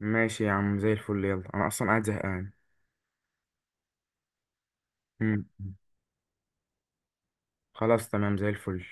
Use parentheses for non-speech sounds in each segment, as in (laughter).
ماشي يا عم، زي الفل. يلا انا اصلا قاعد زهقان. مم. خلاص تمام زي الفل.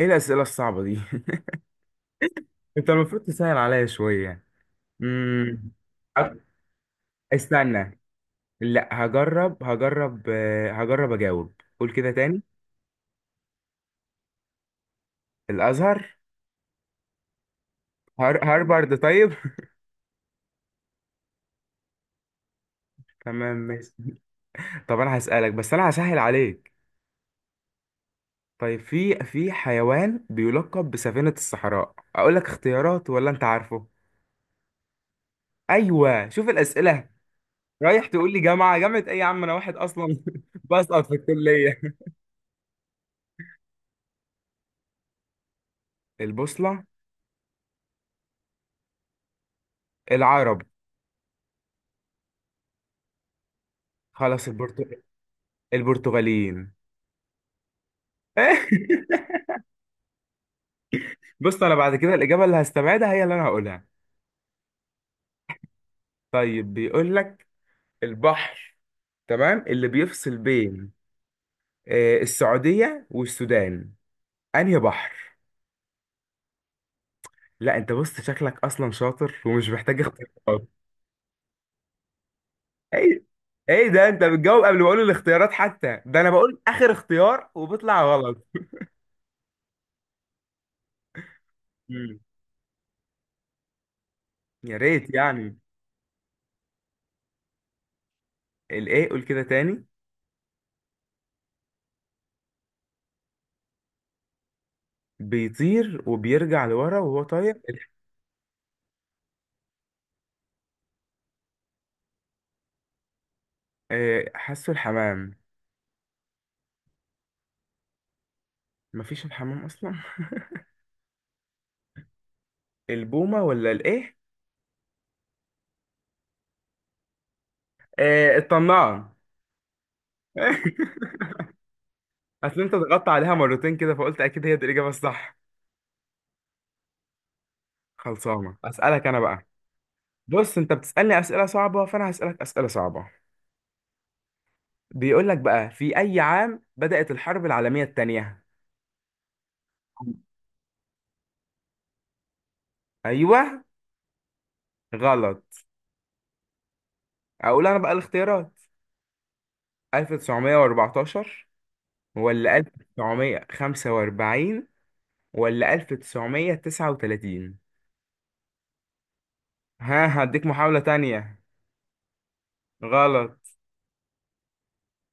ايه الاسئله الصعبه دي؟ (laughs) انت المفروض تسهل عليا شويه. امم استنى. لا هجرب، هجرب اجاوب. قول كده تاني. الازهر. هارفارد طيب. (laughs) تمام ماشي. طب انا هسالك، بس انا هسهل عليك. طيب في حيوان بيلقب بسفينه الصحراء. اقول لك اختيارات ولا انت عارفه؟ ايوه، شوف الاسئله. رايح تقول لي جامعة ايه يا عم، انا واحد اصلا (laughs) بسقط في الكلية. البوصلة. العرب. خلاص البرتغ... البرتغاليين. (laughs) بص، انا بعد كده الاجابة اللي هستبعدها هي اللي انا هقولها. طيب بيقول لك، البحر تمام اللي بيفصل بين، السعودية والسودان، انهي بحر؟ لا انت بص، شكلك اصلا شاطر ومش محتاج اختيارات. ايه؟ ايه ده، انت بتجاوب قبل ما اقول الاختيارات حتى، ده انا بقول اخر اختيار وبيطلع غلط. مم. يا ريت يعني. الايه، قول كده تاني. بيطير وبيرجع لورا وهو طاير حاسه الحمام. مفيش الحمام اصلا. البومه ولا الايه؟ الطنان. (laughs) اصل انت ضغطت عليها مرتين كده فقلت اكيد هي دي الاجابه الصح. خلصانه، اسالك انا بقى. بص، انت بتسالني اسئله صعبه، فانا هسالك اسئله صعبه. بيقول لك بقى، في اي عام بدات الحرب العالميه الثانيه؟ ايوه، غلط. اقول انا بقى الاختيارات. 1914 ولا 1945 ولا 1939؟ ها، هديك محاولة تانية. غلط.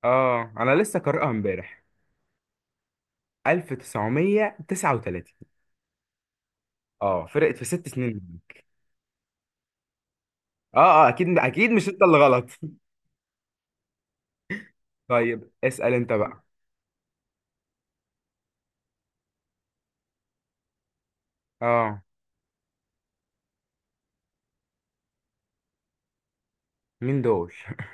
اه انا لسه قارئها امبارح. 1939. اه فرقت في ست سنين منك. اه اه، اكيد اكيد مش انت اللي غلط. (laughs) طيب اسأل انت بقى. اه. مين دول؟ (laughs)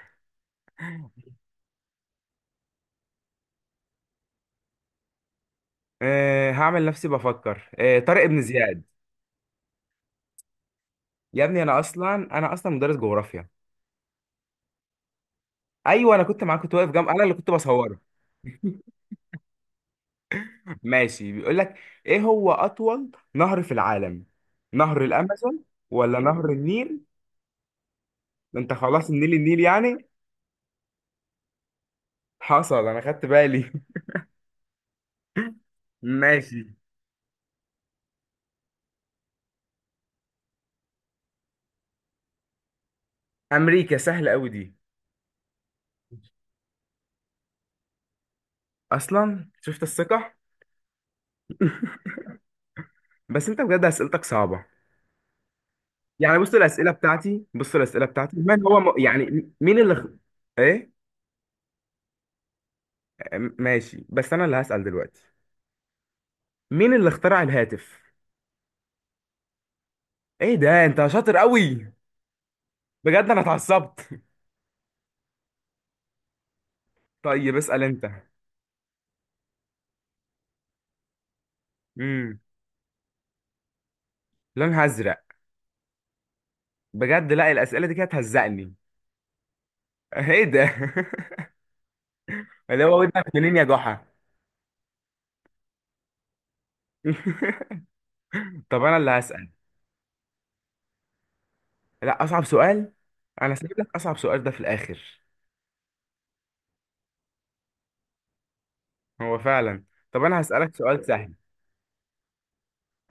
آه هعمل نفسي بفكر. آه طارق بن زياد. يا ابني انا اصلا مدرس جغرافيا. ايوه انا كنت معاك، كنت واقف جنب، انا اللي كنت بصورك. ماشي، بيقول لك، ايه هو اطول نهر في العالم؟ نهر الامازون ولا نهر النيل؟ ده انت خلاص، النيل النيل يعني. حصل، انا خدت بالي. (laughs) ماشي. امريكا، سهله قوي دي. اصلا شفت الثقه. بس انت بجد اسئلتك صعبه. يعني بص الاسئله بتاعتي من هو يعني مين اللي ايه؟ ماشي، بس انا اللي هسال دلوقتي. مين اللي اخترع الهاتف؟ ايه ده، انت شاطر قوي. بجد انا اتعصبت. (laughs) طيب اسال انت. لونها ازرق. بجد، لا الاسئله دي كانت هتهزقني. ايه ده؟ (laughs) اللي هو ودنك منين يا جحا؟ (laughs) طب انا اللي هسال. لا اصعب سؤال، انا سايب لك اصعب سؤال ده في الاخر. هو فعلا. طب انا هسالك سؤال سهل.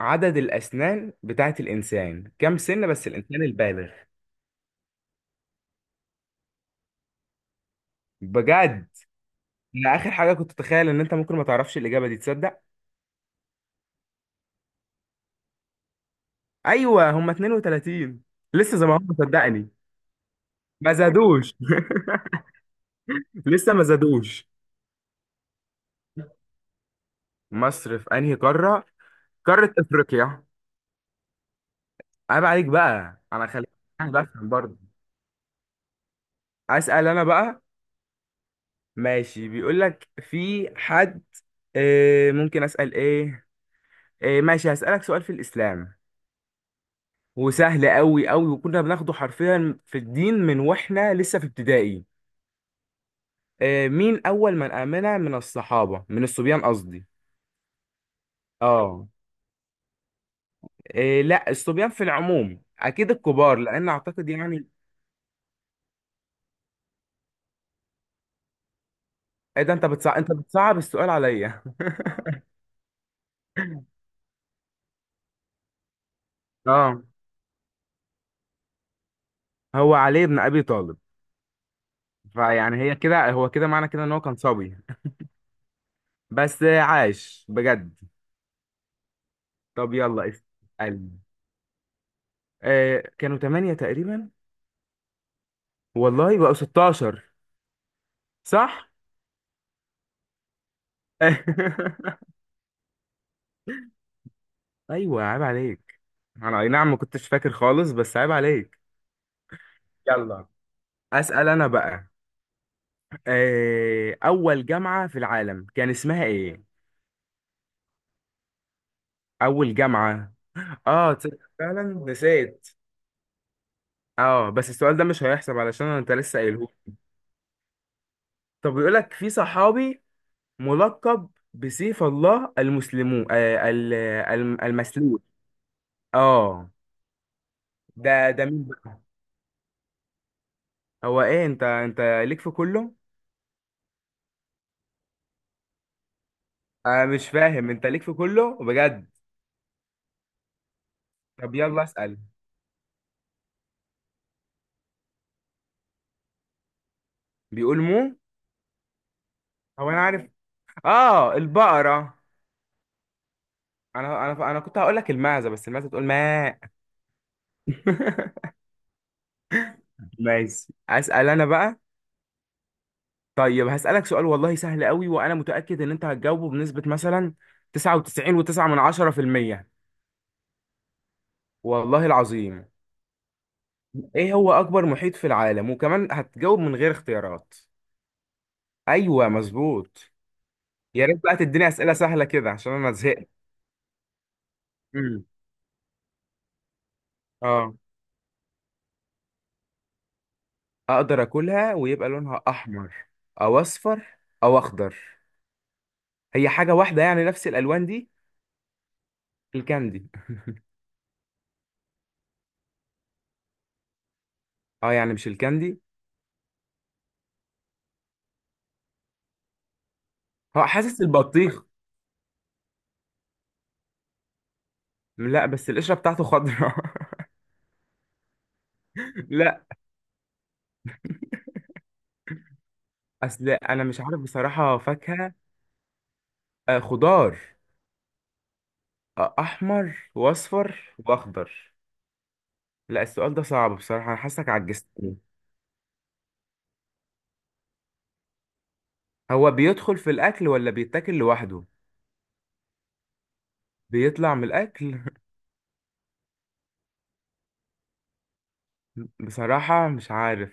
عدد الاسنان بتاعت الانسان، كام سن؟ بس الانسان البالغ. بجد، انا اخر حاجه كنت اتخيل ان انت ممكن ما تعرفش الاجابه دي، تصدق؟ ايوه، هم 32. لسه زي ما هم، صدقني. ما زادوش. (laughs) لسه ما زادوش. مصر في انهي قاره؟ قارة افريقيا. عيب عليك بقى، انا خليك يعني بفهم برضه. اسال انا بقى. ماشي بيقول لك، في حد، آه ممكن اسال ايه، آه ماشي هسالك سؤال في الاسلام، وسهل قوي قوي، وكنا بناخده حرفيا في الدين من واحنا لسه في ابتدائي. آه مين اول من امن من الصحابة، من الصبيان قصدي؟ اه. لا الصبيان في العموم، اكيد الكبار، لان اعتقد يعني. ايه ده، انت بتصعب السؤال عليا. (laughs) اه. هو علي بن ابي طالب. فيعني هي كده، هو كده، معنى كده ان هو كان صبي. بس عاش بجد. طب يلا اسألني. آه كانوا 8 تقريبا. والله بقوا 16. صح. (laughs) ايوه عيب عليك. انا اي نعم ما كنتش فاكر خالص، بس عيب عليك. يلا اسأل انا بقى. آه اول جامعة في العالم، كان اسمها ايه؟ اول جامعة. اه تصدق فعلا نسيت. اه بس السؤال ده مش هيحسب علشان انت لسه قايله. طب بيقول لك، في صحابي ملقب بسيف الله المسلمون، المسلول. اه. ده مين بقى؟ هو ايه، انت انت ليك في كله. انا مش فاهم انت ليك في كله بجد. طب يلا اسأل. بيقول مو. هو انا عارف. اه البقرة. انا انا كنت هقول لك المعزة، بس المعزة تقول ماء. (laughs) ماشي اسأل انا بقى. طيب هسألك سؤال والله سهل قوي، وانا متأكد ان انت هتجاوبه بنسبة مثلا 99.9 من 10%. والله العظيم. ايه هو اكبر محيط في العالم؟ وكمان هتجاوب من غير اختيارات. ايوه مظبوط. يا ريت بقى تديني اسئله سهله كده عشان انا زهقت. امم اه. اقدر اكلها ويبقى لونها احمر او اصفر او اخضر. هي حاجه واحده يعني، نفس الالوان دي. الكاندي. اه يعني مش الكاندي. هو حاسس البطيخ. لا بس القشره بتاعته خضراء. (laughs) لا، اصل انا مش عارف بصراحه، فاكهه. آه خضار. آه احمر واصفر واخضر. لا السؤال ده صعب بصراحة، أنا حاسك عجزتني. هو بيدخل في الأكل ولا بيتاكل لوحده؟ بيطلع من الأكل. (laughs) بصراحة مش عارف.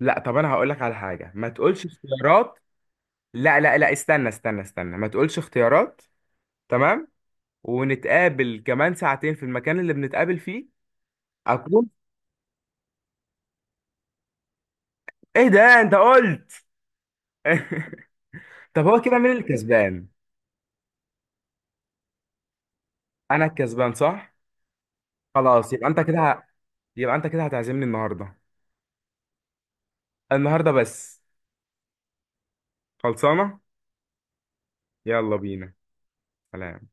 لا طب أنا هقولك على حاجة، ما تقولش اختيارات. لا لا لا، استنى استنى استنى، ما تقولش اختيارات. تمام. ونتقابل كمان ساعتين في المكان اللي بنتقابل فيه. أكون. إيه ده أنت قلت. (laughs) طب هو كده مين الكسبان؟ أنا الكسبان صح؟ خلاص يبقى أنت كده يبقى أنت كده هتعزمني النهاردة. النهاردة بس. خلصانة؟ يلا بينا. سلام.